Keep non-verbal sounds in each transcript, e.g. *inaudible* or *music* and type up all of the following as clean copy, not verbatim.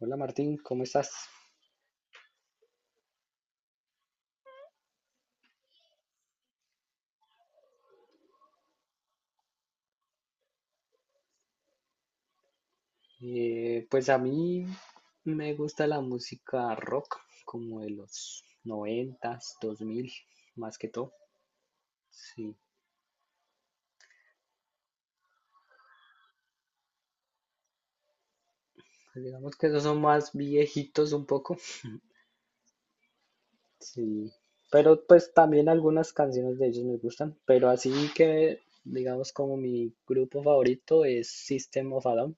Hola Martín, ¿cómo estás? Pues a mí me gusta la música rock, como de los noventas, 2000, más que todo. Sí, pues digamos que esos son más viejitos un poco. Sí, pero pues también algunas canciones de ellos me gustan. Pero así que, digamos, como mi grupo favorito es System of a Down.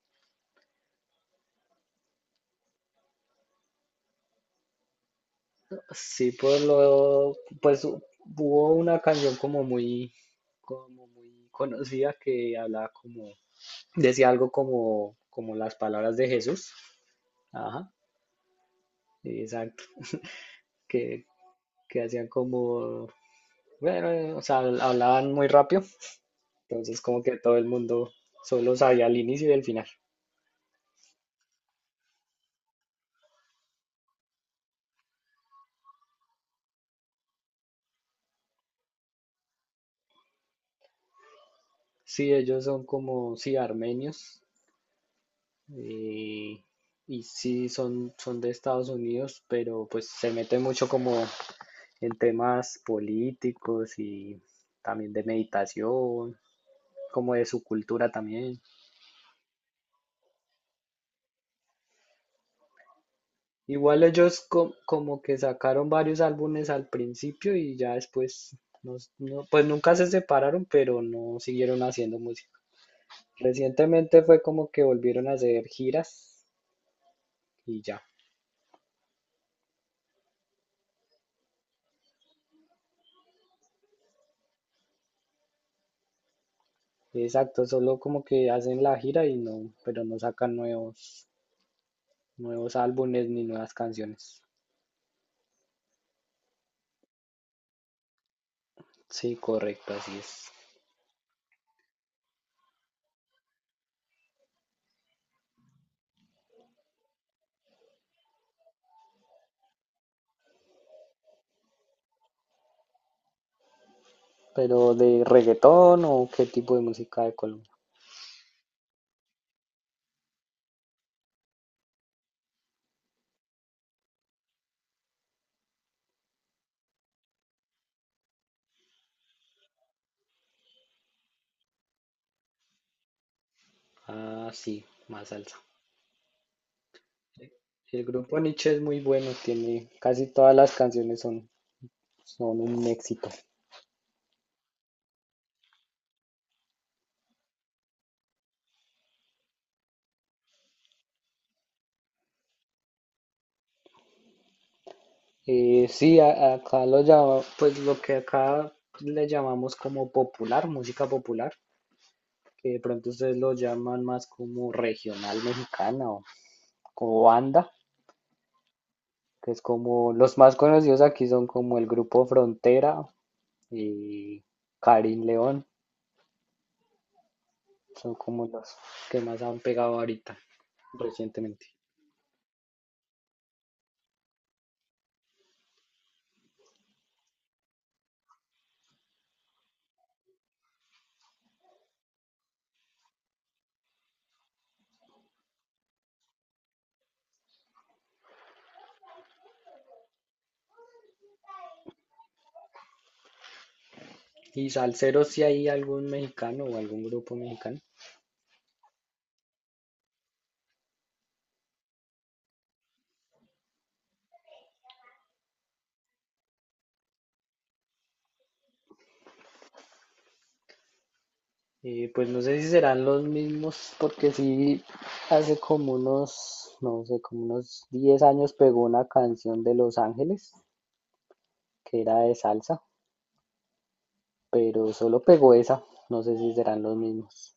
Sí, pues hubo una canción como muy conocida que hablaba como, decía algo como, como las palabras de Jesús. Ajá, exacto. Que, que hacían como, bueno, o sea, hablaban muy rápido. Entonces como que todo el mundo solo sabía el inicio y el final. Sí, ellos son como, sí, armenios. Y, y sí, son de Estados Unidos, pero pues se meten mucho como en temas políticos y también de meditación, como de su cultura también. Igual como que sacaron varios álbumes al principio y ya después, pues nunca se separaron, pero no siguieron haciendo música. Recientemente fue como que volvieron a hacer giras y ya. Exacto, solo como que hacen la gira y no, pero no sacan nuevos álbumes ni nuevas canciones. Sí, correcto, así es. Pero de reggaetón o qué tipo de música de Colombia. Ah, sí, más salsa. Sí, el grupo Nietzsche es muy bueno, tiene casi todas las canciones son un éxito. Sí, acá lo llama, pues lo que acá le llamamos como popular, música popular, que de pronto ustedes lo llaman más como regional mexicana o como banda, que es como los más conocidos aquí son como el grupo Frontera y Karin León, son como los que más han pegado ahorita recientemente. Y salsero si hay algún mexicano o algún grupo mexicano. Pues no sé si serán los mismos, porque sí, hace como unos, no sé, como unos 10 años pegó una canción de Los Ángeles, que era de salsa, pero solo pegó esa, no sé si serán los mismos.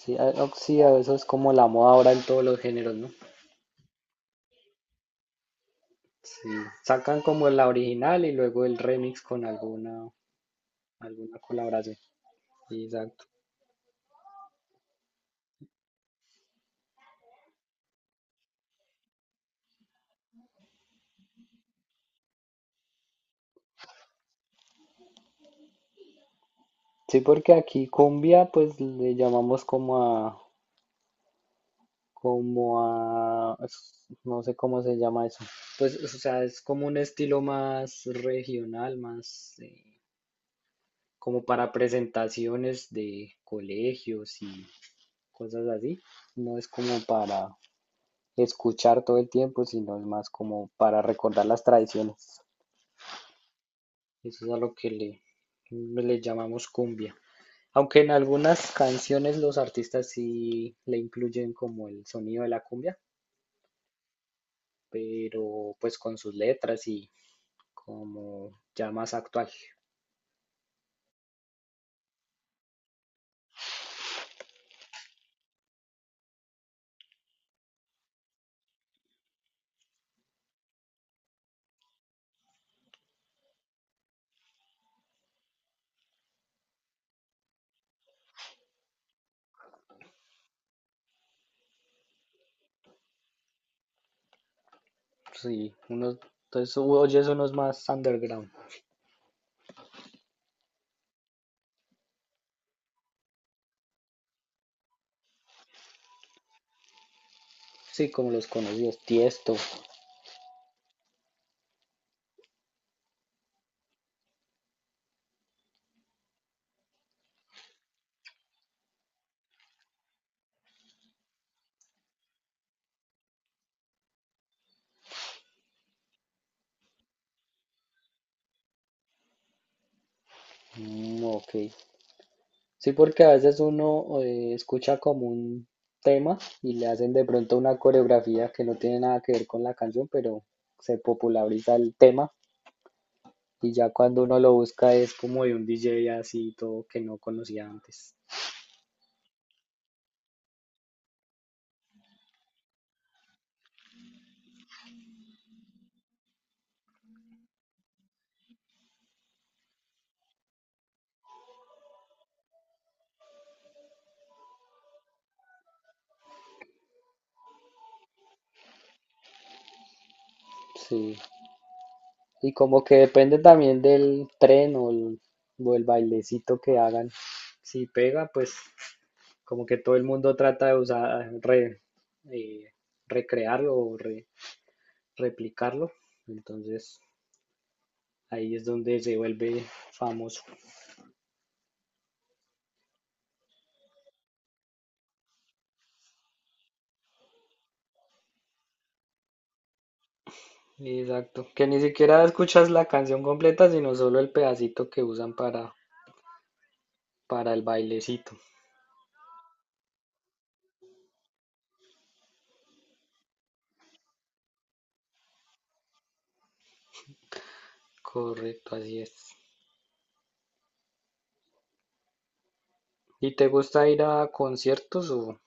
Sí, sí, eso es como la moda ahora en todos los géneros, ¿no? Sí, sacan como la original y luego el remix con alguna colaboración. Sí, exacto. Sí, porque aquí cumbia, pues le llamamos como a, no sé cómo se llama eso. Pues, o sea, es como un estilo más regional, más como para presentaciones de colegios y cosas así. No es como para escuchar todo el tiempo, sino es más como para recordar las tradiciones. Eso es a lo que le llamamos cumbia. Aunque en algunas canciones los artistas sí le incluyen como el sonido de la cumbia, pero pues con sus letras y como ya más actual. Sí, unos, entonces oyes unos más underground. Sí, como los conocidos, Tiesto. Mm, ok. Sí, porque a veces uno escucha como un tema y le hacen de pronto una coreografía que no tiene nada que ver con la canción, pero se populariza el tema. Y ya cuando uno lo busca es como de un DJ así todo que no conocía antes. Sí. Y como que depende también del tren o el bailecito que hagan. Si pega, pues como que todo el mundo trata de eh, recrearlo o replicarlo. Entonces ahí es donde se vuelve famoso. Exacto. Que ni siquiera escuchas la canción completa, sino solo el pedacito que usan para el bailecito. Correcto, así es. ¿Y te gusta ir a conciertos o...?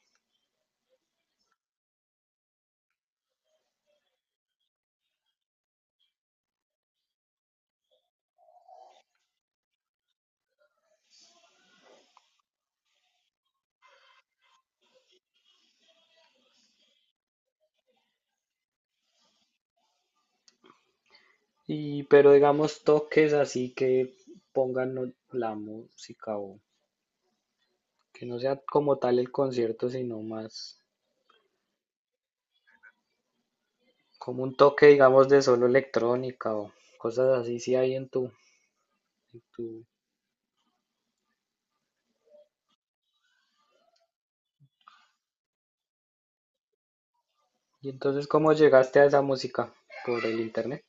Y, pero digamos toques así que pongan no- la música o que no sea como tal el concierto, sino más como un toque, digamos, de solo electrónica o cosas así, si hay en en tu... Y entonces, ¿cómo llegaste a esa música? ¿Por el internet?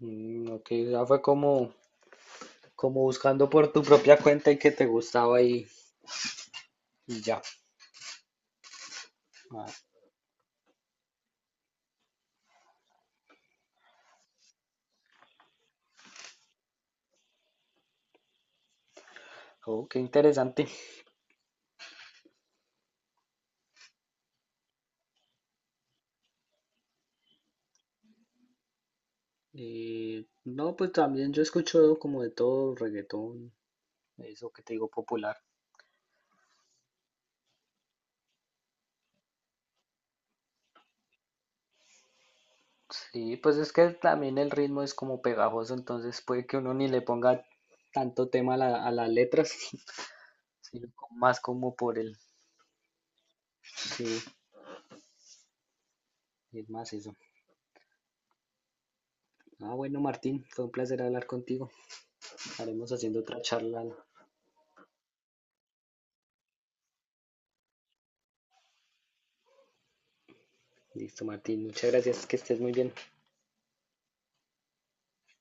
Mm, ok, ya fue como, como buscando por tu propia cuenta y que te gustaba y ya. Ah, oh, qué interesante. No, pues también yo escucho como de todo, reggaetón, eso que te digo popular. Sí, pues es que también el ritmo es como pegajoso, entonces puede que uno ni le ponga tanto tema a a las letras, *laughs* más como por el, sí, es más eso. Ah, bueno, Martín, fue un placer hablar contigo. Estaremos haciendo otra charla. Listo, Martín, muchas gracias, que estés muy bien.